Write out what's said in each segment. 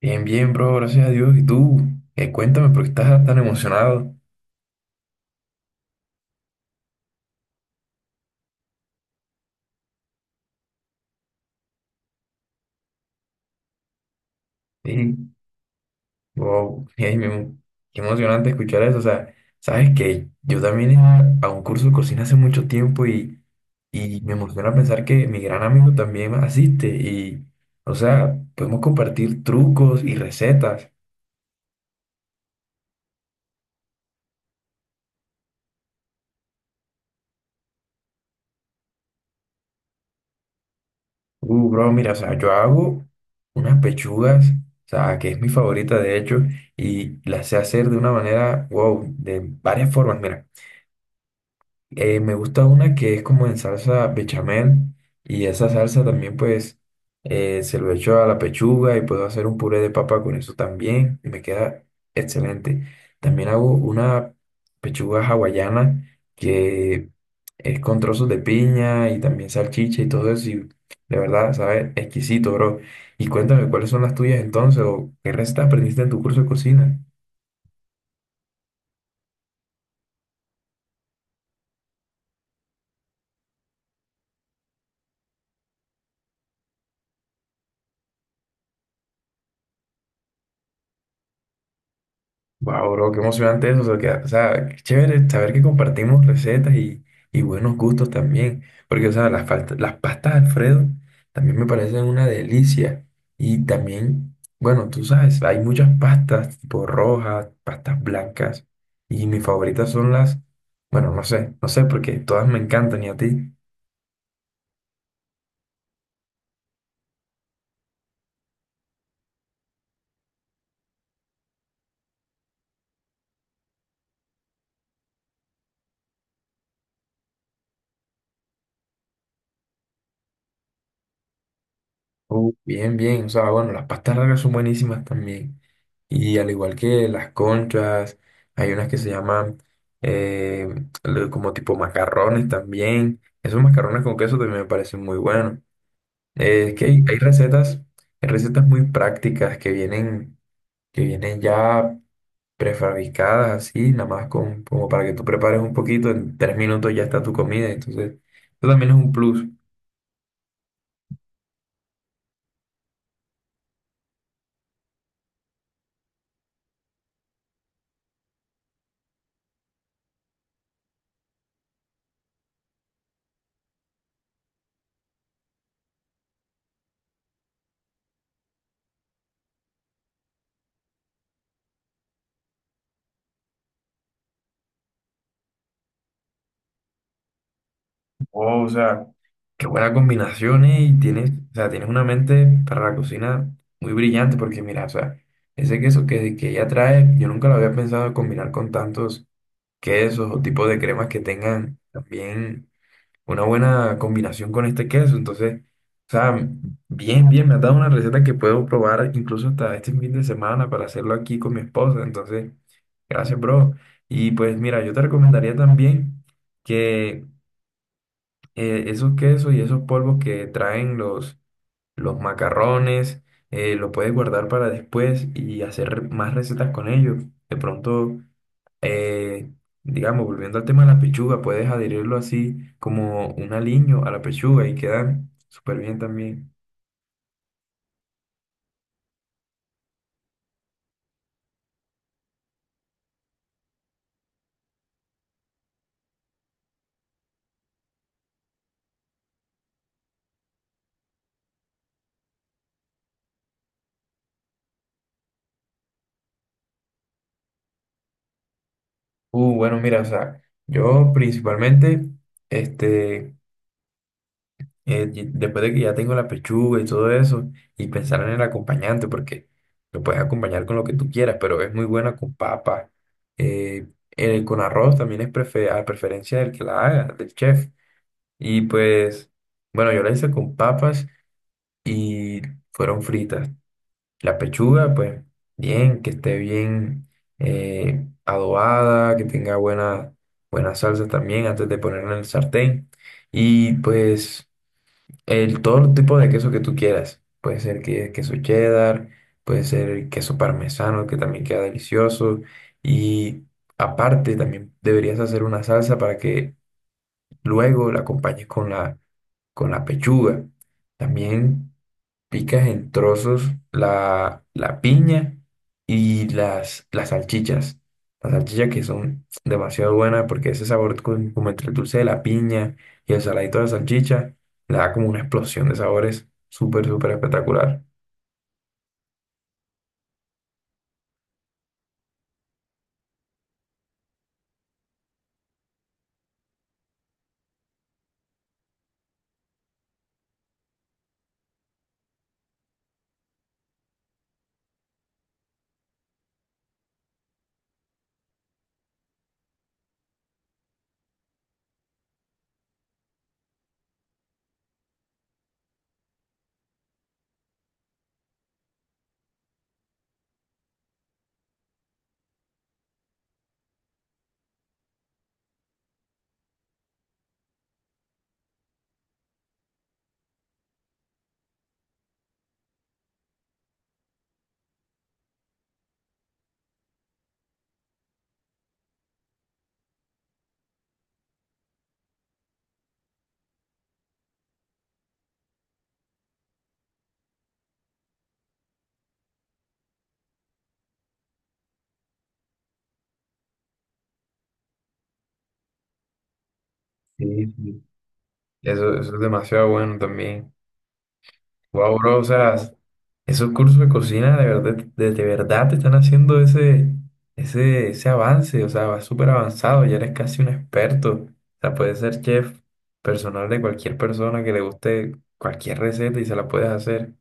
Bien, bien, bro, gracias a Dios. ¿Y tú? Cuéntame, ¿por qué estás tan emocionado? Sí, wow, ey, qué emocionante escuchar eso. O sea, sabes que yo también iba a un curso de cocina hace mucho tiempo y me emociona pensar que mi gran amigo también asiste. Y, o sea, podemos compartir trucos y recetas. Bro, mira, o sea, yo hago unas pechugas, o sea, que es mi favorita de hecho, y las sé hacer de una manera, wow, de varias formas. Mira. Me gusta una que es como en salsa bechamel y esa salsa también pues se lo echo a la pechuga y puedo hacer un puré de papa con eso también y me queda excelente. También hago una pechuga hawaiana que es con trozos de piña y también salchicha y todo eso y de verdad sabe exquisito, bro. Y cuéntame cuáles son las tuyas entonces o qué recetas aprendiste en tu curso de cocina. Wow, bro, qué emocionante eso. O sea, que, o sea, qué chévere saber que compartimos recetas y buenos gustos también. Porque, o sea, las, las pastas Alfredo también me parecen una delicia. Y también, bueno, tú sabes, hay muchas pastas, tipo rojas, pastas blancas. Y mis favoritas son las, bueno, no sé, porque todas me encantan y a ti. Bien, bien. O sea, bueno, las pastas largas son buenísimas también. Y al igual que las conchas, hay unas que se llaman eh, como tipo macarrones también. Esos macarrones con queso también me parecen muy buenos. Es que hay recetas muy prácticas que vienen ya prefabricadas así, nada más con, como para que tú prepares un poquito, en tres minutos ya está tu comida. Entonces, eso también es un plus. Oh, o sea. Qué buenas combinaciones y tienes, o sea, tienes una mente para la cocina muy brillante, porque mira, o sea, ese queso que ella trae, yo nunca lo había pensado combinar con tantos quesos o tipos de cremas que tengan también una buena combinación con este queso. Entonces, o sea, bien, bien, me has dado una receta que puedo probar incluso hasta este fin de semana para hacerlo aquí con mi esposa. Entonces, gracias, bro. Y pues mira, yo te recomendaría también que esos quesos y esos polvos que traen los macarrones, los puedes guardar para después y hacer más recetas con ellos. De pronto, eh, digamos, volviendo al tema de la pechuga, puedes adherirlo así como un aliño a la pechuga y quedan súper bien también. Bueno, mira, o sea, yo principalmente, este... y después de que ya tengo la pechuga y todo eso, y pensar en el acompañante, porque lo puedes acompañar con lo que tú quieras, pero es muy buena con papa. Eh, con arroz también es a preferencia del que la haga, del chef. Y pues, bueno, yo la hice con papas y fueron fritas. La pechuga, pues, bien, que esté bien adobada, que tenga buena salsa también antes de ponerla en el sartén. Y pues... todo el tipo de queso que tú quieras. Puede ser que, queso cheddar, puede ser queso parmesano, que también queda delicioso. Y aparte, también deberías hacer una salsa para que luego la acompañes con con la pechuga. También. Picas en trozos la piña y las salchichas. Las salchichas que son demasiado buenas porque ese sabor como entre el dulce de la piña y el saladito de la salchicha le da como una explosión de sabores súper, súper espectacular. Sí, sí. Eso es demasiado bueno también. Wow, bro, o sea, esos cursos de cocina de verdad, de verdad te están haciendo ese avance, o sea, vas súper avanzado, ya eres casi un experto, o sea, puedes ser chef personal de cualquier persona que le guste cualquier receta y se la puedes hacer,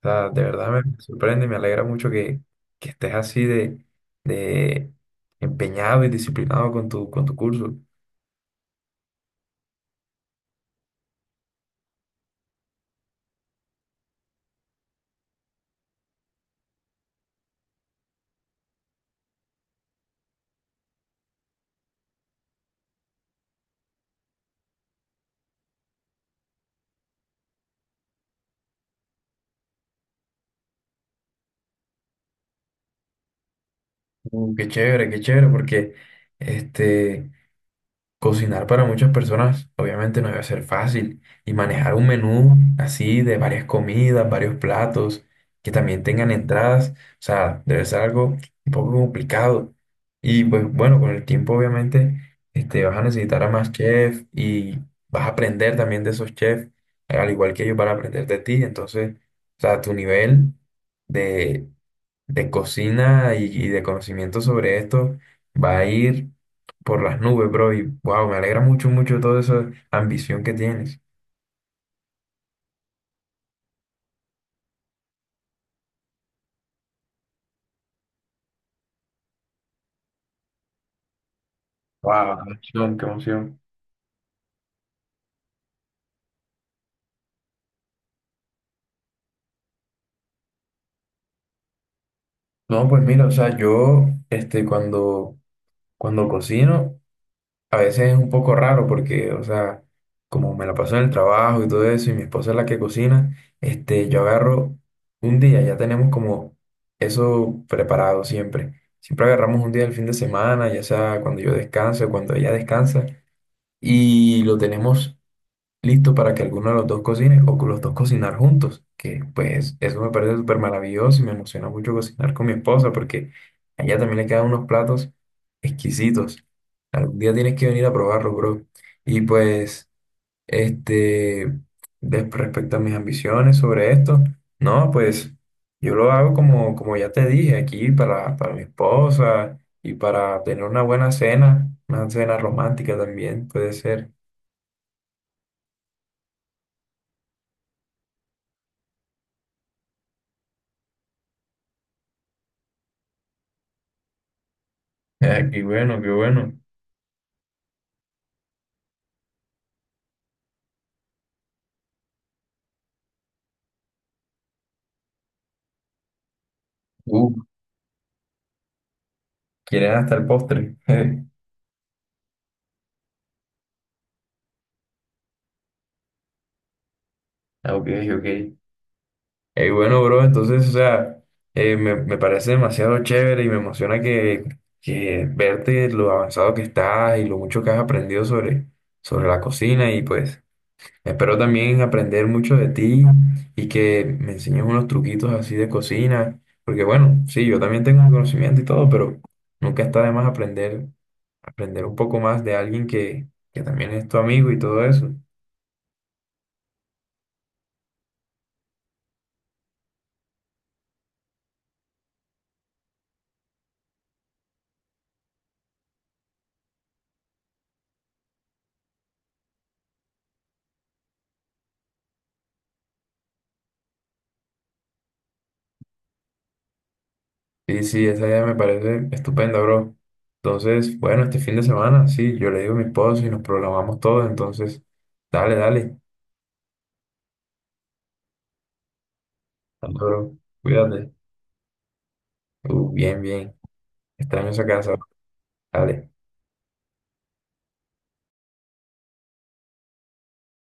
o sea, de verdad me sorprende, me alegra mucho que estés así de empeñado y disciplinado con tu curso. Qué chévere, qué chévere, porque este... Cocinar para muchas personas obviamente no debe ser fácil y manejar un menú así de varias comidas, varios platos que también tengan entradas, o sea, debe ser algo un poco complicado. Y pues bueno, con el tiempo obviamente vas a necesitar a más chefs y vas a aprender también de esos chefs, al igual que ellos van a aprender de ti. Entonces, o sea, tu nivel de cocina y de conocimiento sobre esto va a ir por las nubes, bro. Y wow, me alegra mucho, mucho toda esa ambición que tienes. Wow, qué emoción, qué emoción. No, pues mira, o sea, yo, este, cuando cocino. A veces es un poco raro porque, o sea, como me la paso en el trabajo y todo eso, y mi esposa es la que cocina, este, yo agarro un día, ya tenemos como eso preparado siempre. Siempre agarramos un día del fin de semana, ya sea cuando yo descanso, cuando ella descansa, y lo tenemos listo para que alguno de los dos cocine o que los dos cocinar juntos, que pues eso me parece súper maravilloso y me emociona mucho cocinar con mi esposa porque a ella también le quedan unos platos exquisitos. Algún día tienes que venir a probarlo, bro. Y pues, este, respecto a mis ambiciones sobre esto, no, pues yo lo hago como, como ya te dije, aquí para mi esposa y para tener una buena cena, una cena romántica también puede ser. Ah, qué bueno, qué bueno. Uh, Quieren hasta el postre. Ah, ok, ok. Bueno, bro, entonces, o sea, me parece demasiado chévere y me emociona que verte lo avanzado que estás y lo mucho que has aprendido sobre la cocina y pues espero también aprender mucho de ti y que me enseñes unos truquitos así de cocina, porque bueno, sí, yo también tengo un conocimiento y todo, pero nunca está de más aprender, aprender un poco más de alguien que también es tu amigo y todo eso. Sí, sí, esa idea me parece estupenda, bro. Entonces, bueno, este fin de semana, sí, yo le digo a mi esposo y nos programamos todos, entonces, dale, dale. Dale, bro, cuídate. Bien, bien, extraño esa casa, dale.